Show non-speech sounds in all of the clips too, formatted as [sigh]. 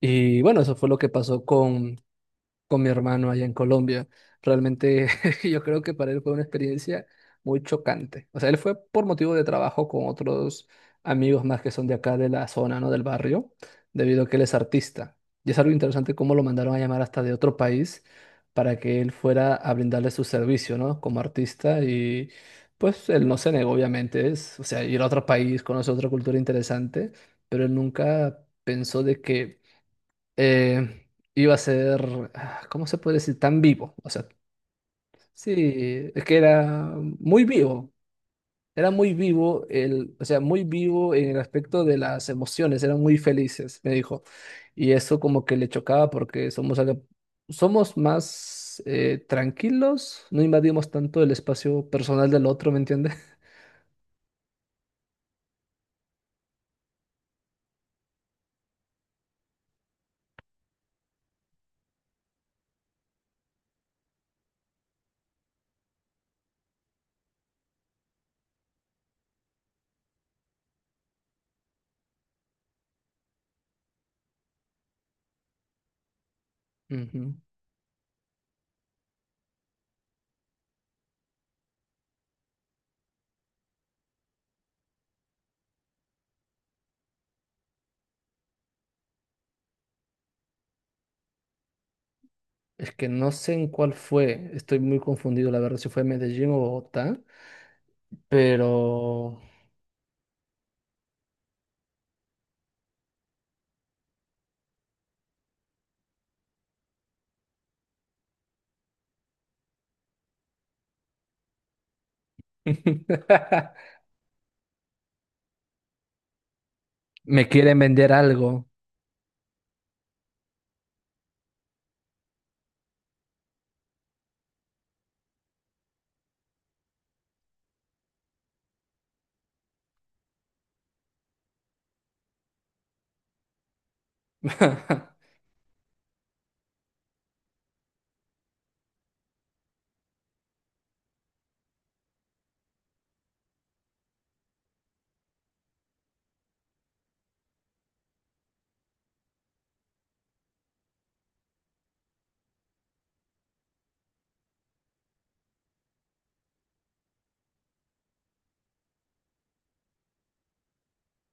Y bueno, eso fue lo que pasó con mi hermano allá en Colombia. Realmente [laughs] yo creo que para él fue una experiencia muy chocante. O sea, él fue por motivo de trabajo con otros amigos más que son de acá, de la zona, ¿no? Del barrio, debido a que él es artista. Y es algo interesante cómo lo mandaron a llamar hasta de otro país para que él fuera a brindarle su servicio, ¿no? Como artista y pues él no se negó, obviamente. Es, o sea, ir a otro país, conocer otra cultura interesante, pero él nunca pensó de que eh, iba a ser, ah, ¿cómo se puede decir? Tan vivo. O sea, sí, es que era muy vivo. Era muy vivo, el, o sea, muy vivo en el aspecto de las emociones, eran muy felices, me dijo. Y eso como que le chocaba porque somos, somos más tranquilos, no invadimos tanto el espacio personal del otro, ¿me entiendes? [laughs] Ujú. Es que no sé en cuál fue, estoy muy confundido, la verdad, si fue Medellín o Bogotá, pero... [laughs] Me quieren vender algo. [laughs]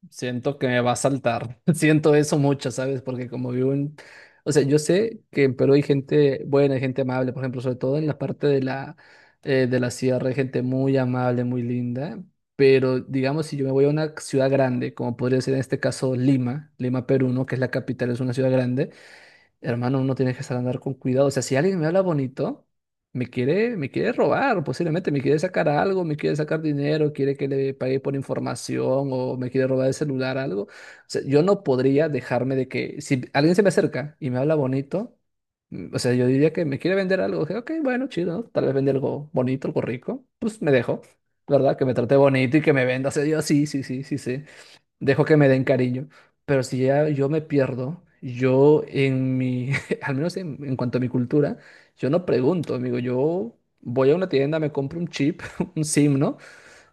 Siento que me va a saltar. [laughs] Siento eso mucho, ¿sabes? Porque como vivo en... O sea, yo sé que en Perú hay gente buena, hay gente amable, por ejemplo, sobre todo en la parte de de la sierra, hay gente muy amable, muy linda. Pero digamos, si yo me voy a una ciudad grande, como podría ser en este caso Lima, Lima, Perú, ¿no? Que es la capital, es una ciudad grande. Hermano, uno tiene que estar andar con cuidado. O sea, si alguien me habla bonito, me quiere robar, posiblemente me quiere sacar algo, me quiere sacar dinero, quiere que le pague por información o me quiere robar el celular, algo. O sea, yo no podría dejarme de que si alguien se me acerca y me habla bonito, o sea, yo diría que me quiere vender algo. Dije, ok, bueno, chido, ¿no? Tal vez vende algo bonito, algo rico. Pues me dejo, ¿verdad? Que me trate bonito y que me venda. O sea, yo sí, sí, sí, sí, sí dejo que me den cariño, pero si ya yo me pierdo, yo en mi, [laughs] al menos en cuanto a mi cultura, yo no pregunto, amigo, yo voy a una tienda, me compro un chip, [laughs] un SIM, ¿no?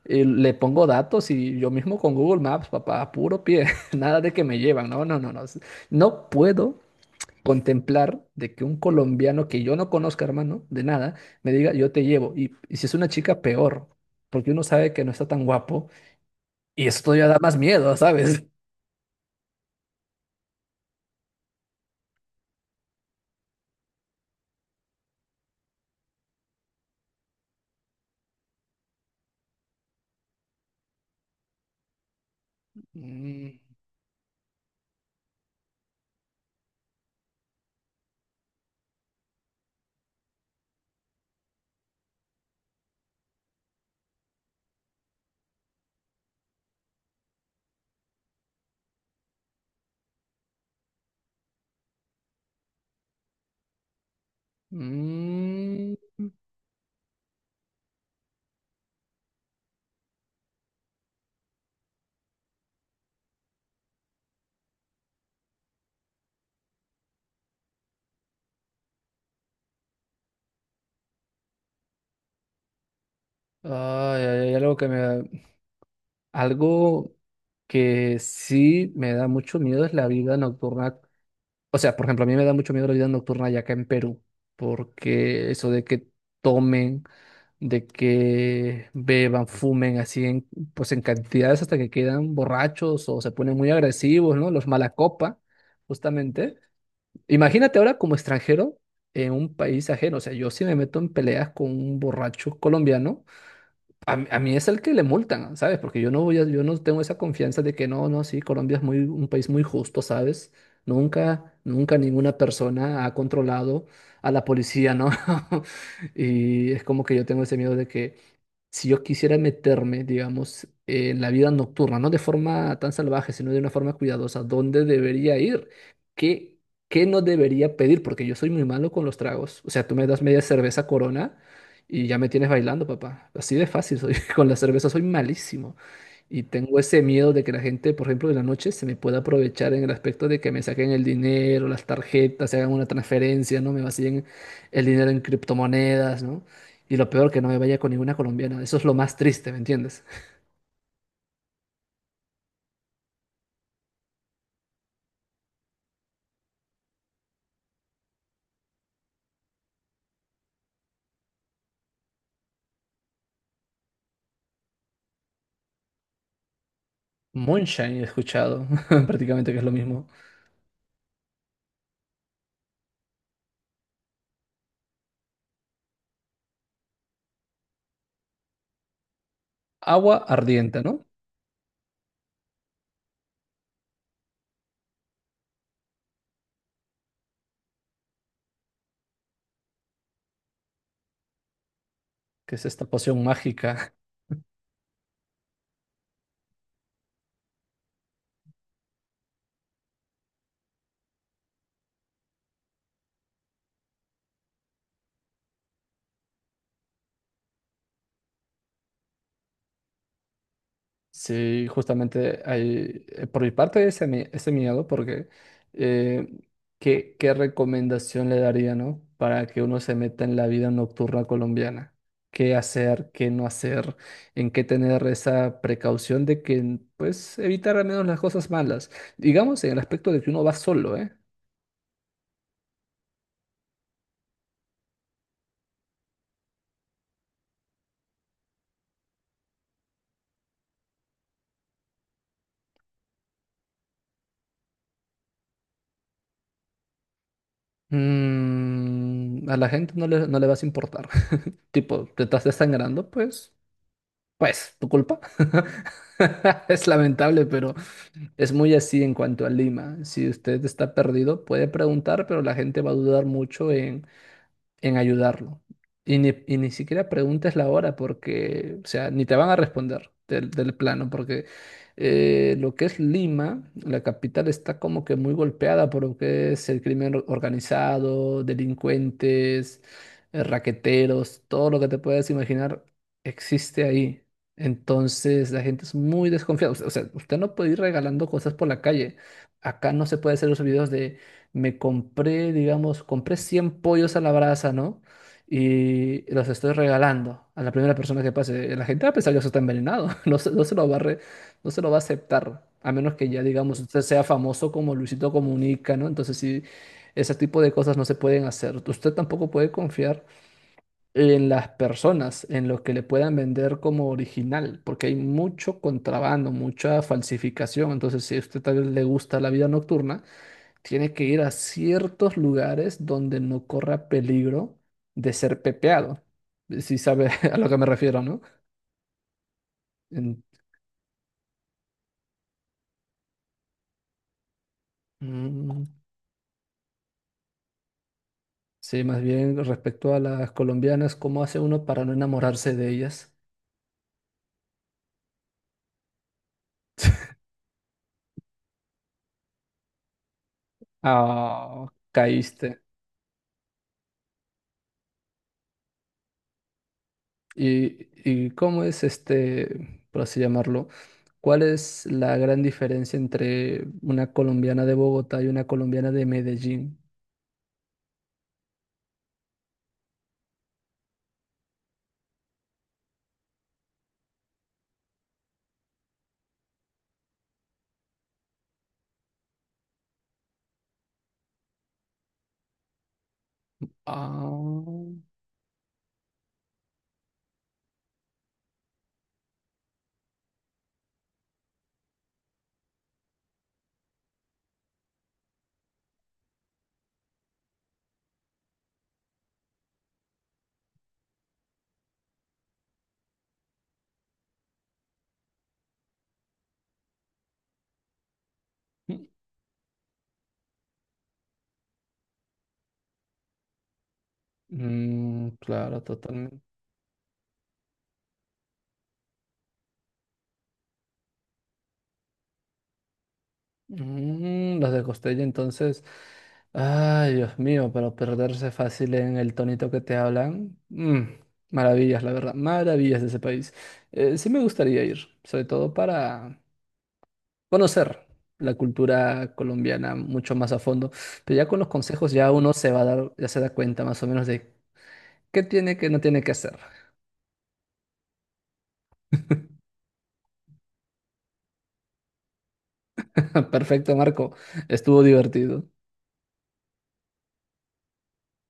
Y le pongo datos y yo mismo con Google Maps, papá, a puro pie, [laughs] nada de que me llevan, no, no, no, no, no puedo contemplar de que un colombiano que yo no conozca, hermano, de nada, me diga, yo te llevo. Y si es una chica, peor, porque uno sabe que no está tan guapo y eso todavía da más miedo, [laughs] ¿sabes? Mm, mm. Ay, ay, ay, algo que me algo que sí me da mucho miedo es la vida nocturna. O sea, por ejemplo, a mí me da mucho miedo la vida nocturna allá acá en Perú, porque eso de que tomen, de que beban, fumen pues en cantidades hasta que quedan borrachos o se ponen muy agresivos, ¿no? Los malacopa, justamente. Imagínate ahora como extranjero en un país ajeno. O sea, yo si me meto en peleas con un borracho colombiano, a mí es el que le multan, ¿sabes? Porque yo no tengo esa confianza de que no, no, sí, Colombia es muy, un país muy justo, ¿sabes? Nunca, nunca ninguna persona ha controlado a la policía, ¿no? [laughs] Y es como que yo tengo ese miedo de que si yo quisiera meterme, digamos, en la vida nocturna, no de forma tan salvaje, sino de una forma cuidadosa, ¿dónde debería ir? ¿Qué, ¿qué no debería pedir? Porque yo soy muy malo con los tragos. O sea, tú me das media cerveza Corona y ya me tienes bailando, papá. Así de fácil soy. [laughs] Con la cerveza soy malísimo. Y tengo ese miedo de que la gente, por ejemplo, en la noche se me pueda aprovechar en el aspecto de que me saquen el dinero, las tarjetas, se hagan una transferencia, ¿no? Me vacíen el dinero en criptomonedas, ¿no? Y lo peor, que no me vaya con ninguna colombiana. Eso es lo más triste, ¿me entiendes? Moonshine he escuchado, [laughs] prácticamente que es lo mismo. Agua ardiente, ¿no? Que es esta poción mágica. Sí, justamente hay, por mi parte ese, ese miedo, porque eh, ¿qué, qué recomendación le daría, ¿no? Para que uno se meta en la vida nocturna colombiana. ¿Qué hacer, qué no hacer? ¿En qué tener esa precaución de que, pues, evitar al menos las cosas malas? Digamos en el aspecto de que uno va solo, ¿eh? Mm, a la gente no le, no le vas a importar. [laughs] Tipo, te estás desangrando, pues, tu culpa. [laughs] Es lamentable, pero es muy así en cuanto a Lima. Si usted está perdido, puede preguntar, pero la gente va a dudar mucho en ayudarlo. Y ni siquiera preguntes la hora porque, o sea, ni te van a responder del plano, porque lo que es Lima, la capital, está como que muy golpeada por lo que es el crimen organizado, delincuentes, raqueteros, todo lo que te puedas imaginar existe ahí. Entonces la gente es muy desconfiada. O sea, usted no puede ir regalando cosas por la calle. Acá no se puede hacer los videos me compré, digamos, compré 100 pollos a la brasa, ¿no? Y los estoy regalando a la primera persona que pase. La gente va a pensar que eso está envenenado, [laughs] no se lo va a no se lo va a aceptar, a menos que ya, digamos, usted sea famoso como Luisito Comunica, ¿no? Entonces sí, ese tipo de cosas no se pueden hacer. Usted tampoco puede confiar en las personas, en lo que le puedan vender como original, porque hay mucho contrabando, mucha falsificación. Entonces, si a usted tal vez le gusta la vida nocturna, tiene que ir a ciertos lugares donde no corra peligro de ser pepeado. Si sabe [laughs] a lo que me refiero, ¿no? En- Mm, sí, más bien respecto a las colombianas, ¿cómo hace uno para no enamorarse de ellas? Ah, caíste. ¿Y, y cómo es este, por así llamarlo? ¿Cuál es la gran diferencia entre una colombiana de Bogotá y una colombiana de Medellín? Ah, mm, claro, totalmente. Mm, los de Costello, entonces, ay, Dios mío, pero perderse fácil en el tonito que te hablan. Mm, maravillas, la verdad, maravillas de ese país. Sí me gustaría ir, sobre todo para conocer la cultura colombiana mucho más a fondo, pero ya con los consejos ya uno se va a dar, ya se da cuenta más o menos de qué tiene, que, no tiene que hacer. [laughs] Perfecto, Marco, estuvo divertido.